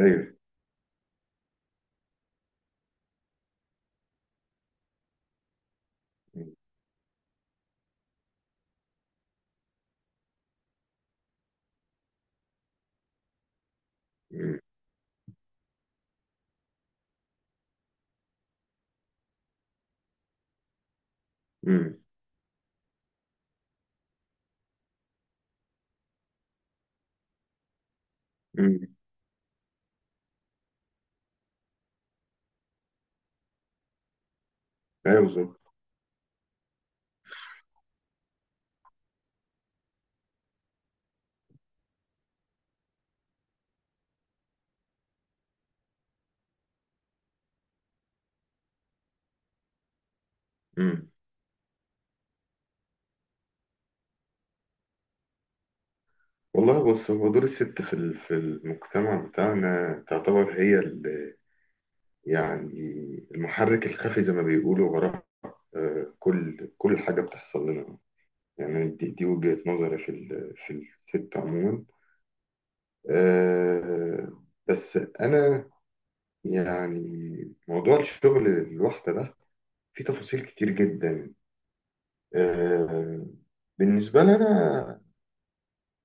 ايوه. مم. مم. مم. ايوه بالظبط. مم. والله بص، هو دور الست في المجتمع بتاعنا تعتبر هي يعني المحرك الخفي زي ما بيقولوا وراء كل حاجه بتحصل لنا. يعني دي وجهه نظري في الست عموما. بس انا يعني موضوع الشغل الواحده ده فيه تفاصيل كتير جدا، آه، بالنسبه لنا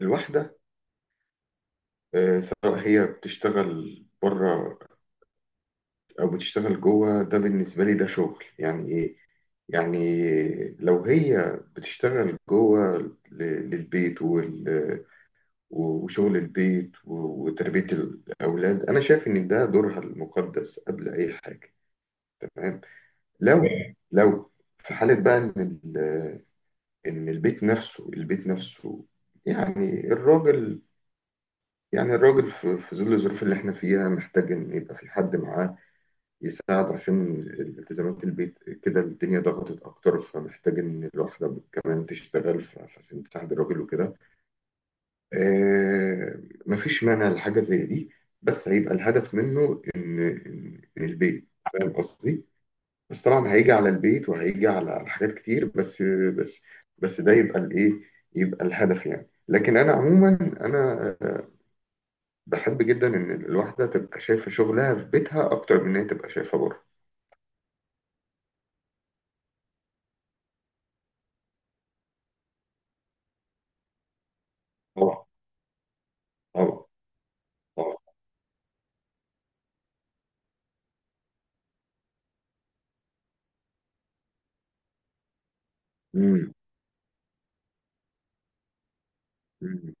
الواحده، سواء هي بتشتغل بره او بتشتغل جوه، ده بالنسبه لي ده شغل يعني ايه. يعني لو هي بتشتغل جوه ل- للبيت وشغل البيت وتربيه الاولاد، انا شايف ان ده دورها المقدس قبل اي حاجه. تمام. لو لو في حاله بقى ان البيت نفسه يعني الراجل، في ظل الظروف اللي احنا فيها، محتاج ان يبقى في حد معاه يساعد، عشان التزامات البيت كده الدنيا ضغطت اكتر، فمحتاج ان الواحده كمان تشتغل عشان تساعد الراجل وكده. آه، مفيش مانع لحاجه زي دي، بس هيبقى الهدف منه ان إن- إن البيت فاهم قصدي. بس طبعا هيجي على البيت وهيجي على حاجات كتير، بس بس ده يبقى الايه، يبقى الهدف يعني. لكن انا عموما، انا آه، بحب جدا ان الواحده تبقى شايفه شغلها في بيتها اكتر من ان هي تبقى شايفه بره. طبعا. طبعا. طبعاً. امم. امم.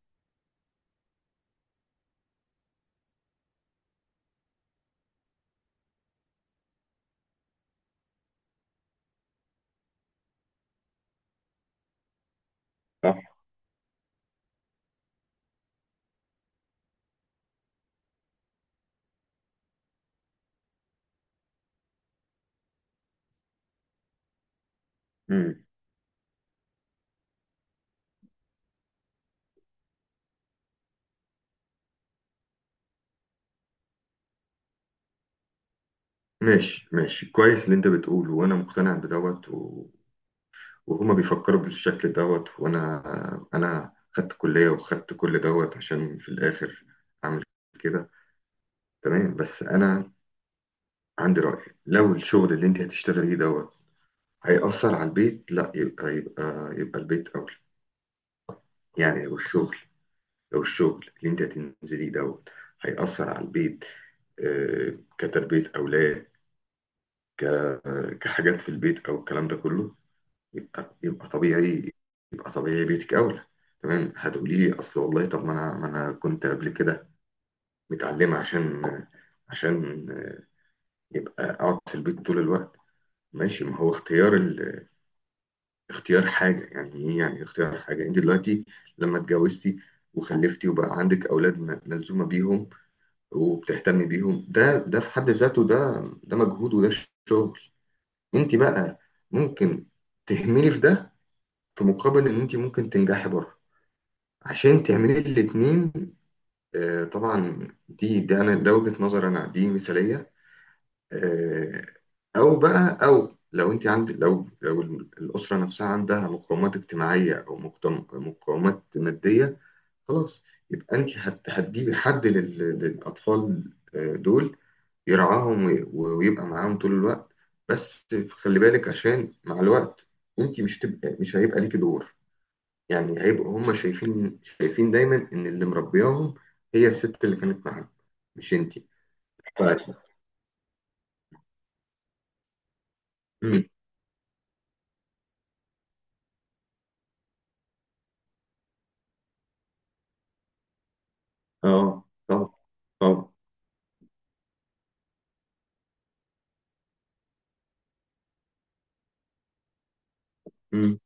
صح. امم. ماشي، ماشي، كويس اللي انت بتقوله، وانا مقتنع بدوت وهما بيفكروا بالشكل دوت. وانا خدت كلية وخدت كل دوت عشان في الاخر اعمل كده. تمام. بس انا عندي رأي، لو الشغل اللي انت هتشتغليه دوت هيأثر على البيت، لا، يبقى البيت اولى. يعني لو الشغل اللي انت هتنزليه دوت هيأثر على البيت، كتربية اولاد، كحاجات في البيت او الكلام ده كله، يبقى يبقى طبيعي يبقى طبيعي بيتك اولى. تمام. هتقولي لي اصل والله، طب ما انا كنت قبل كده متعلمه عشان يبقى اقعد في البيت طول الوقت. ماشي. ما هو اختيار اختيار حاجه يعني ايه. يعني اختيار حاجه، انت دلوقتي لما اتجوزتي وخلفتي وبقى عندك اولاد ملزومه بيهم وبتهتمي بيهم، ده في حد ذاته، ده مجهود وده شغل. انت بقى ممكن تهملي في ده في مقابل ان انت ممكن تنجحي بره عشان تعملي الاتنين. طبعا دي ده انا ده وجهة نظر انا دي مثالية. آه، او بقى او لو انت عند لو لو الاسرة نفسها عندها مقومات اجتماعية او مقومات مادية، خلاص يبقى انت هتجيبي حد للاطفال دول يرعاهم ويبقى معاهم طول الوقت. بس خلي بالك، عشان مع الوقت انت مش هيبقى ليكي دور. يعني هيبقوا هم شايفين دايما ان اللي مربياهم هي الست اللي كانت معاهم، مش انتي. ف... مم. اه. طبعا. طبعا. مم.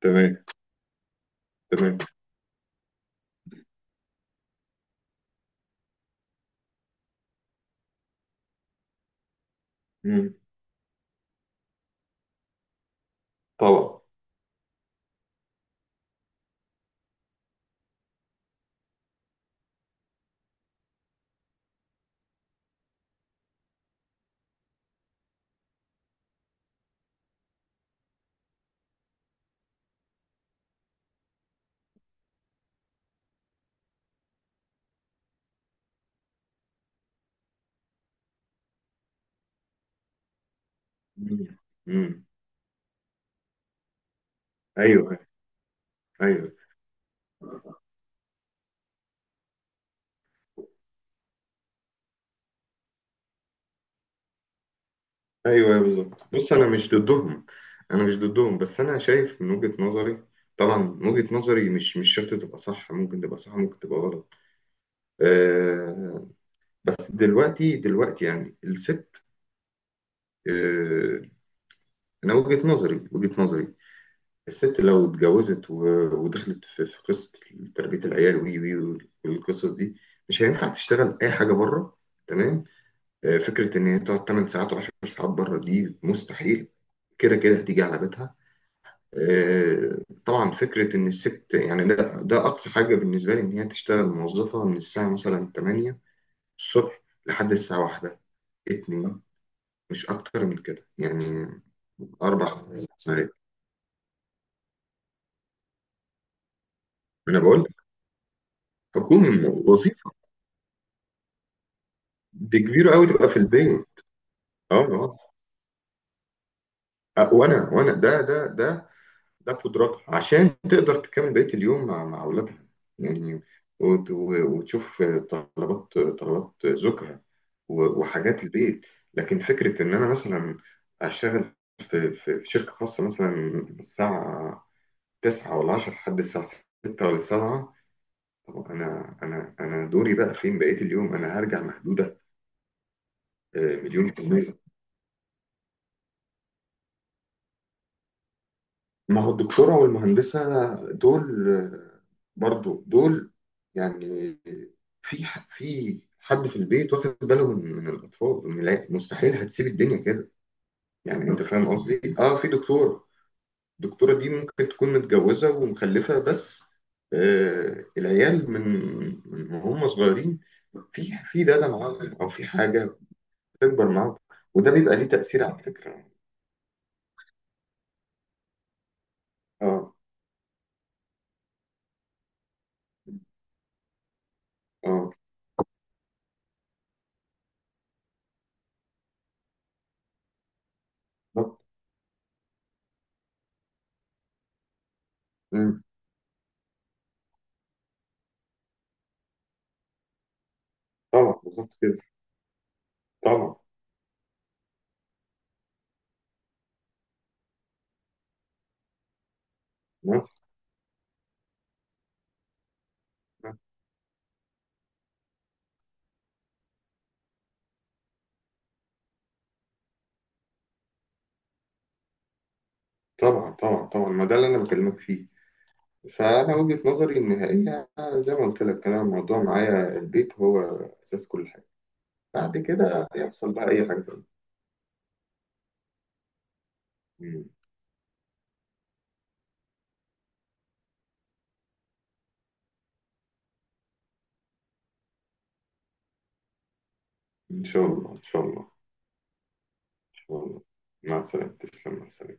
تمام. تمام. مم. طبعا. مم. مم. ايوه. ايوه. ايوه بالظبط. بص، انا مش ضدهم، بس انا شايف من وجهة نظري، طبعا من وجهة نظري، مش شرط تبقى صح، ممكن تبقى صح ممكن تبقى غلط. آه بس دلوقتي يعني الست، آه انا وجهة نظري، الست لو اتجوزت ودخلت في قصة تربية العيال وي وي والقصص دي، مش هينفع تشتغل اي حاجة بره. تمام. فكرة ان هي تقعد 8 ساعات و10 ساعات بره دي مستحيل، كده كده هتيجي على بيتها. آه، طبعا فكرة ان الست يعني ده اقصى حاجة بالنسبة لي ان هي تشتغل موظفة من الساعة مثلا 8 الصبح لحد الساعة واحدة، اتنين، مش اكتر من كده يعني، اربع خمس ساعات. انا بقول حكومي، وظيفه دي كبيره قوي تبقى في البين. اه. اه. وانا ده قدراتها عشان تقدر تكمل بقيه اليوم مع اولادها يعني. وتشوف طلبات زوجها وحاجات البيت. لكن فكره ان انا مثلا اشتغل في شركه خاصه مثلا من الساعه 9 ولا 10 لحد الساعه 6 ولا 7، طب انا انا دوري بقى فين بقيه اليوم؟ انا هرجع مهدوده. مليون في المية. ما هو الدكتورة والمهندسة دول، برضو دول يعني في حد في البيت واخد باله من الأطفال، لا، مستحيل هتسيب الدنيا كده. يعني أنت فاهم قصدي؟ أه، في دكتورة، الدكتورة دي ممكن تكون متجوزة ومخلفة، بس العيال من هم صغيرين في داده معاهم أو في حاجة بتكبر معاهم، وده بيبقى ليه تأثير على فكرة. أه. اه. بالظبط. مم. طبعا بالظبط كده. طبعا. ناس. طبعا. طبعا. طبعا. ما ده اللي انا بكلمك فيه. فانا وجهة نظري ان هي، زي ما قلت لك، انا الموضوع معايا البيت هو اساس كل حاجه، بعد كده يحصل بقى اي حاجه تانية. مم. ان شاء الله. ان شاء الله. ان شاء الله. مع السلامه. تسلم، مع السلامه.